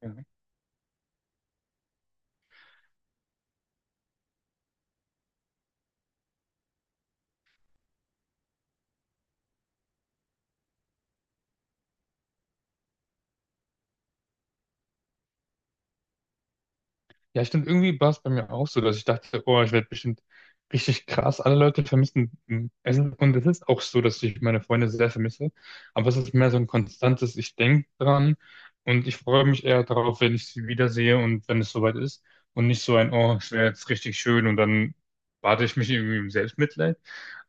Ja, Ja, stimmt, irgendwie war es bei mir auch so, dass ich dachte, oh, ich werde bestimmt richtig krass. Alle Leute vermissen Essen. Und es ist auch so, dass ich meine Freunde sehr vermisse. Aber es ist mehr so ein konstantes, ich denke dran und ich freue mich eher darauf, wenn ich sie wiedersehe und wenn es soweit ist. Und nicht so ein, oh, es wäre jetzt richtig schön und dann bade ich mich irgendwie im Selbstmitleid.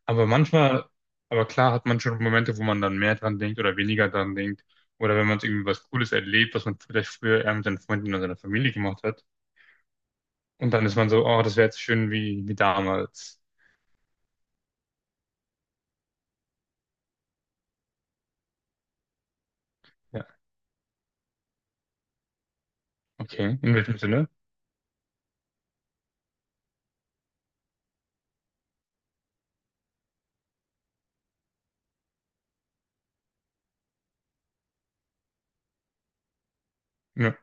Aber manchmal, aber klar hat man schon Momente, wo man dann mehr dran denkt oder weniger dran denkt. Oder wenn man irgendwie was Cooles erlebt, was man vielleicht früher eher mit seinen Freunden oder seiner Familie gemacht hat. Und dann ist man so, oh, das wäre jetzt schön wie, wie damals. Ja, okay. In welchem Sinne? Ja.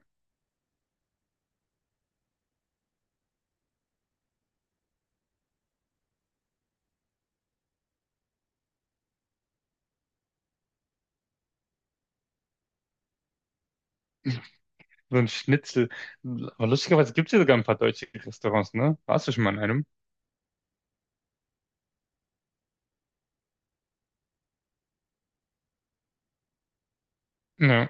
So ein Schnitzel. Aber lustigerweise gibt es ja sogar ein paar deutsche Restaurants, ne? Warst du schon mal in einem? Ja.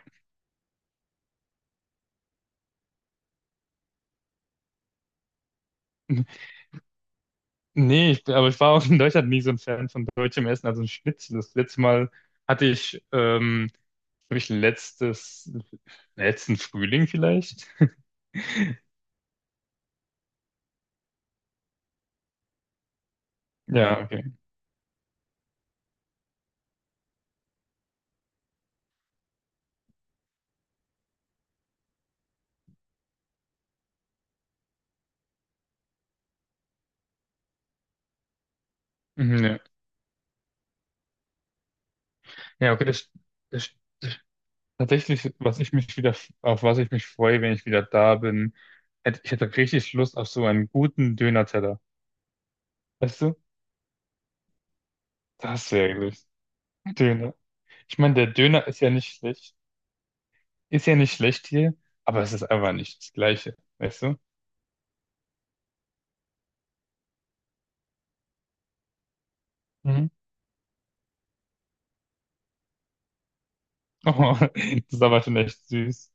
Nee, ich, aber ich war auch in Deutschland nie so ein Fan von deutschem Essen, also ein Schnitzel. Das letzte Mal hatte ich, glaube ich, letztes, letzten Frühling vielleicht. Ja, okay. Mhm, ja, okay, das tatsächlich, was ich mich wieder, auf was ich mich freue, wenn ich wieder da bin, ich hätte richtig Lust auf so einen guten Döner-Teller. Weißt du? Das wäre gut. Döner. Ich meine, der Döner ist ja nicht schlecht. Ist ja nicht schlecht hier, aber es ist einfach nicht das Gleiche. Weißt du? Mhm. Oh, das ist aber schon echt süß.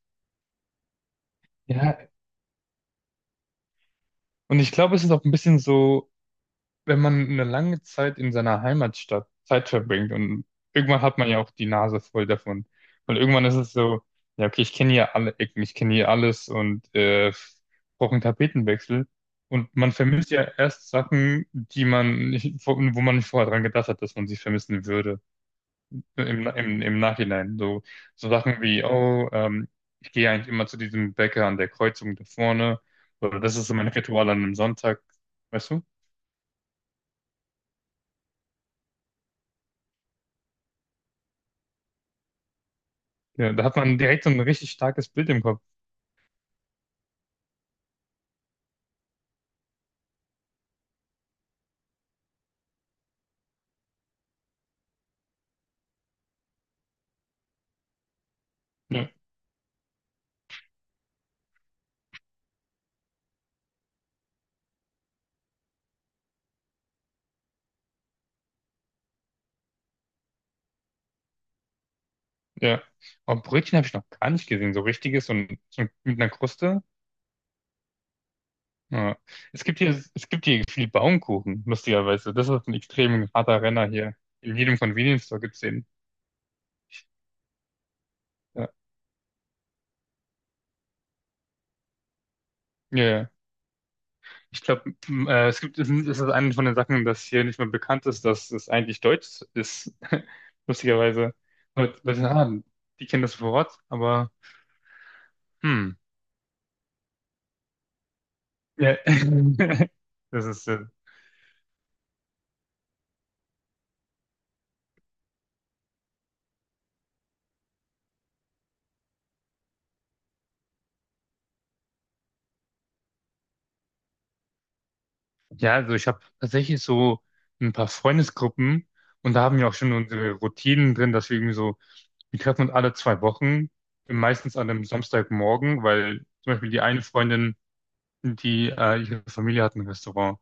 Ja, und ich glaube, es ist auch ein bisschen so, wenn man eine lange Zeit in seiner Heimatstadt Zeit verbringt und irgendwann hat man ja auch die Nase voll davon. Und irgendwann ist es so, ja, okay, ich kenne hier alle Ecken, ich kenne hier alles und brauche einen Tapetenwechsel. Und man vermisst ja erst Sachen, die man nicht, wo man nicht vorher dran gedacht hat, dass man sie vermissen würde. Im Nachhinein. So, so Sachen wie, oh, ich gehe eigentlich immer zu diesem Bäcker an der Kreuzung da vorne. Oder das ist so mein Ritual an einem Sonntag. Weißt du? Ja, da hat man direkt so ein richtig starkes Bild im Kopf. Ja, ja. Aber Brötchen habe ich noch gar nicht gesehen, so richtiges und so mit einer Kruste. Ja. Es gibt hier viel Baumkuchen, lustigerweise. Das ist ein extrem harter Renner hier. In jedem Convenience Store gibt's den. Ja, ja. Ich glaube, es gibt, es ist eine von den Sachen, dass hier nicht mehr bekannt ist, dass es eigentlich deutsch ist. Lustigerweise. Leute, ah, die kennen das Wort, aber hm. Ja. Das ist, ja, also ich habe tatsächlich so ein paar Freundesgruppen und da haben wir auch schon unsere Routinen drin, dass wir irgendwie so, wir treffen uns alle zwei Wochen, meistens an einem Samstagmorgen, weil zum Beispiel die eine Freundin, die ihre Familie hat ein Restaurant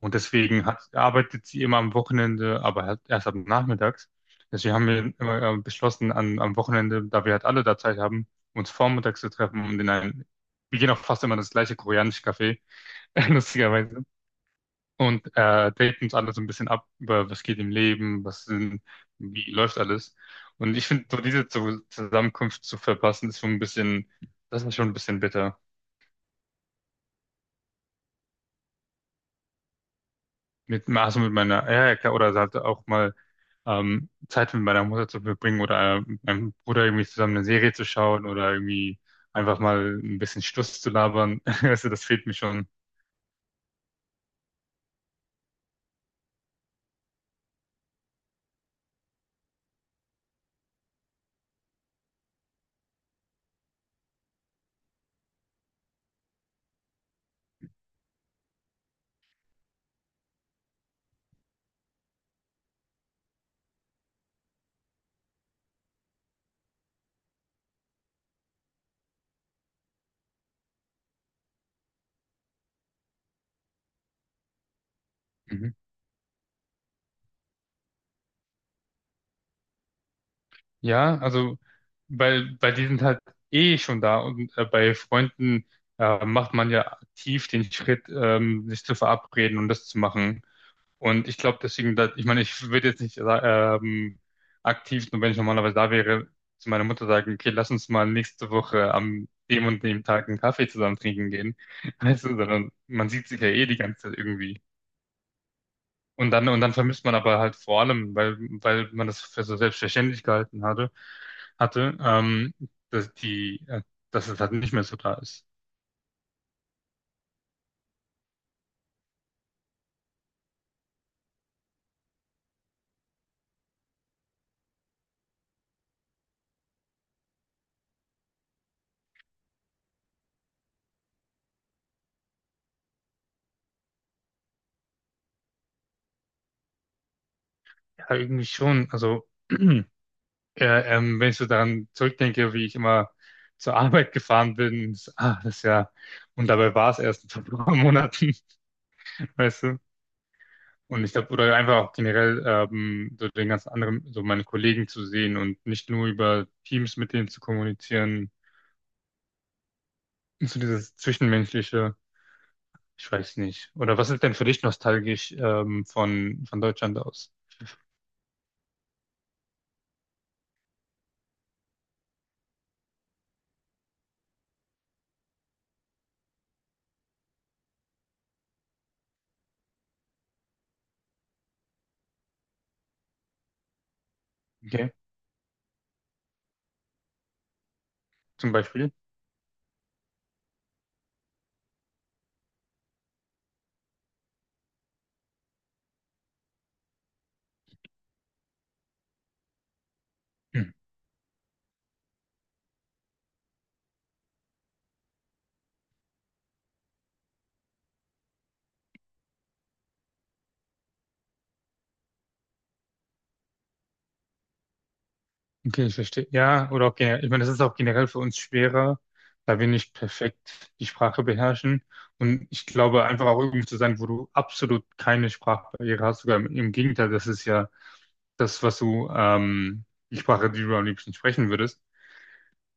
und deswegen hat, arbeitet sie immer am Wochenende, aber halt erst ab nachmittags. Deswegen haben wir immer beschlossen, an, am Wochenende, da wir halt alle da Zeit haben, uns vormittags zu treffen und in einen, wir gehen auch fast immer in das gleiche koreanische Café, lustigerweise. Und er deckt uns alle so ein bisschen ab, über was geht im Leben, was sind, wie läuft alles. Und ich finde, so diese Zusammenkunft zu verpassen, ist schon ein bisschen, das ist schon ein bisschen bitter. Mit, also mit meiner, ja, ja, klar, oder halt auch mal Zeit mit meiner Mutter zu verbringen oder mit meinem Bruder irgendwie zusammen eine Serie zu schauen oder irgendwie einfach mal ein bisschen Stuss zu labern. Also das fehlt mir schon. Ja, also weil, weil die sind halt eh schon da und bei Freunden macht man ja aktiv den Schritt, sich zu verabreden und das zu machen. Und ich glaube deswegen, dass, ich meine, ich würde jetzt nicht ähm, aktiv, nur wenn ich normalerweise da wäre, zu meiner Mutter sagen, okay, lass uns mal nächste Woche am dem und dem Tag einen Kaffee zusammen trinken gehen. Weißt du, sondern man sieht sich ja eh die ganze Zeit irgendwie. Und dann vermisst man aber halt vor allem, weil, weil man das für so selbstverständlich gehalten hatte, dass die, dass es halt nicht mehr so da ist. Ja, irgendwie schon. Also, wenn ich so daran zurückdenke, wie ich immer zur Arbeit gefahren bin, ist, ah, das ist ja, und dabei war es erst vor ein paar Monaten, weißt du? Und ich glaube, oder einfach auch generell, so den ganz anderen, so meine Kollegen zu sehen und nicht nur über Teams mit denen zu kommunizieren, so dieses Zwischenmenschliche. Ich weiß nicht. Oder was ist denn für dich nostalgisch von Deutschland aus? Okay, zum Beispiel. Hm. Okay, ich verstehe. Ja, oder auch generell. Ich meine, das ist auch generell für uns schwerer, da wir nicht perfekt die Sprache beherrschen. Und ich glaube, einfach auch irgendwo zu sein, wo du absolut keine Sprachbarriere hast. Sogar im Gegenteil, das ist ja das, was du, die Sprache, die du am liebsten sprechen würdest.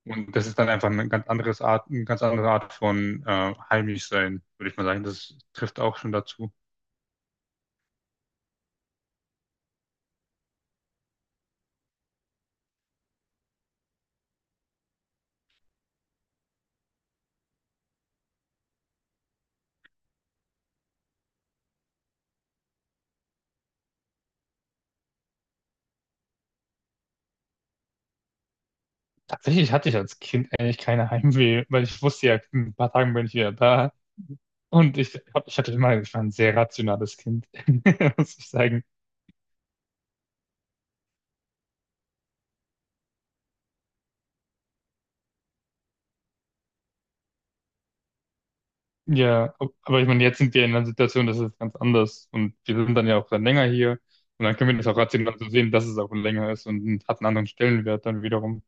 Und das ist dann einfach eine ganz andere Art von heimisch sein, würde ich mal sagen. Das trifft auch schon dazu. Tatsächlich hatte ich als Kind eigentlich keine Heimweh, weil ich wusste ja, in ein paar Tagen bin ich wieder da. Und ich hatte immer, ich war ein sehr rationales Kind, muss ich sagen. Ja, aber ich meine, jetzt sind wir in einer Situation, das ist ganz anders. Und wir sind dann ja auch dann länger hier. Und dann können wir das auch rational so sehen, dass es auch länger ist und hat einen anderen Stellenwert dann wiederum.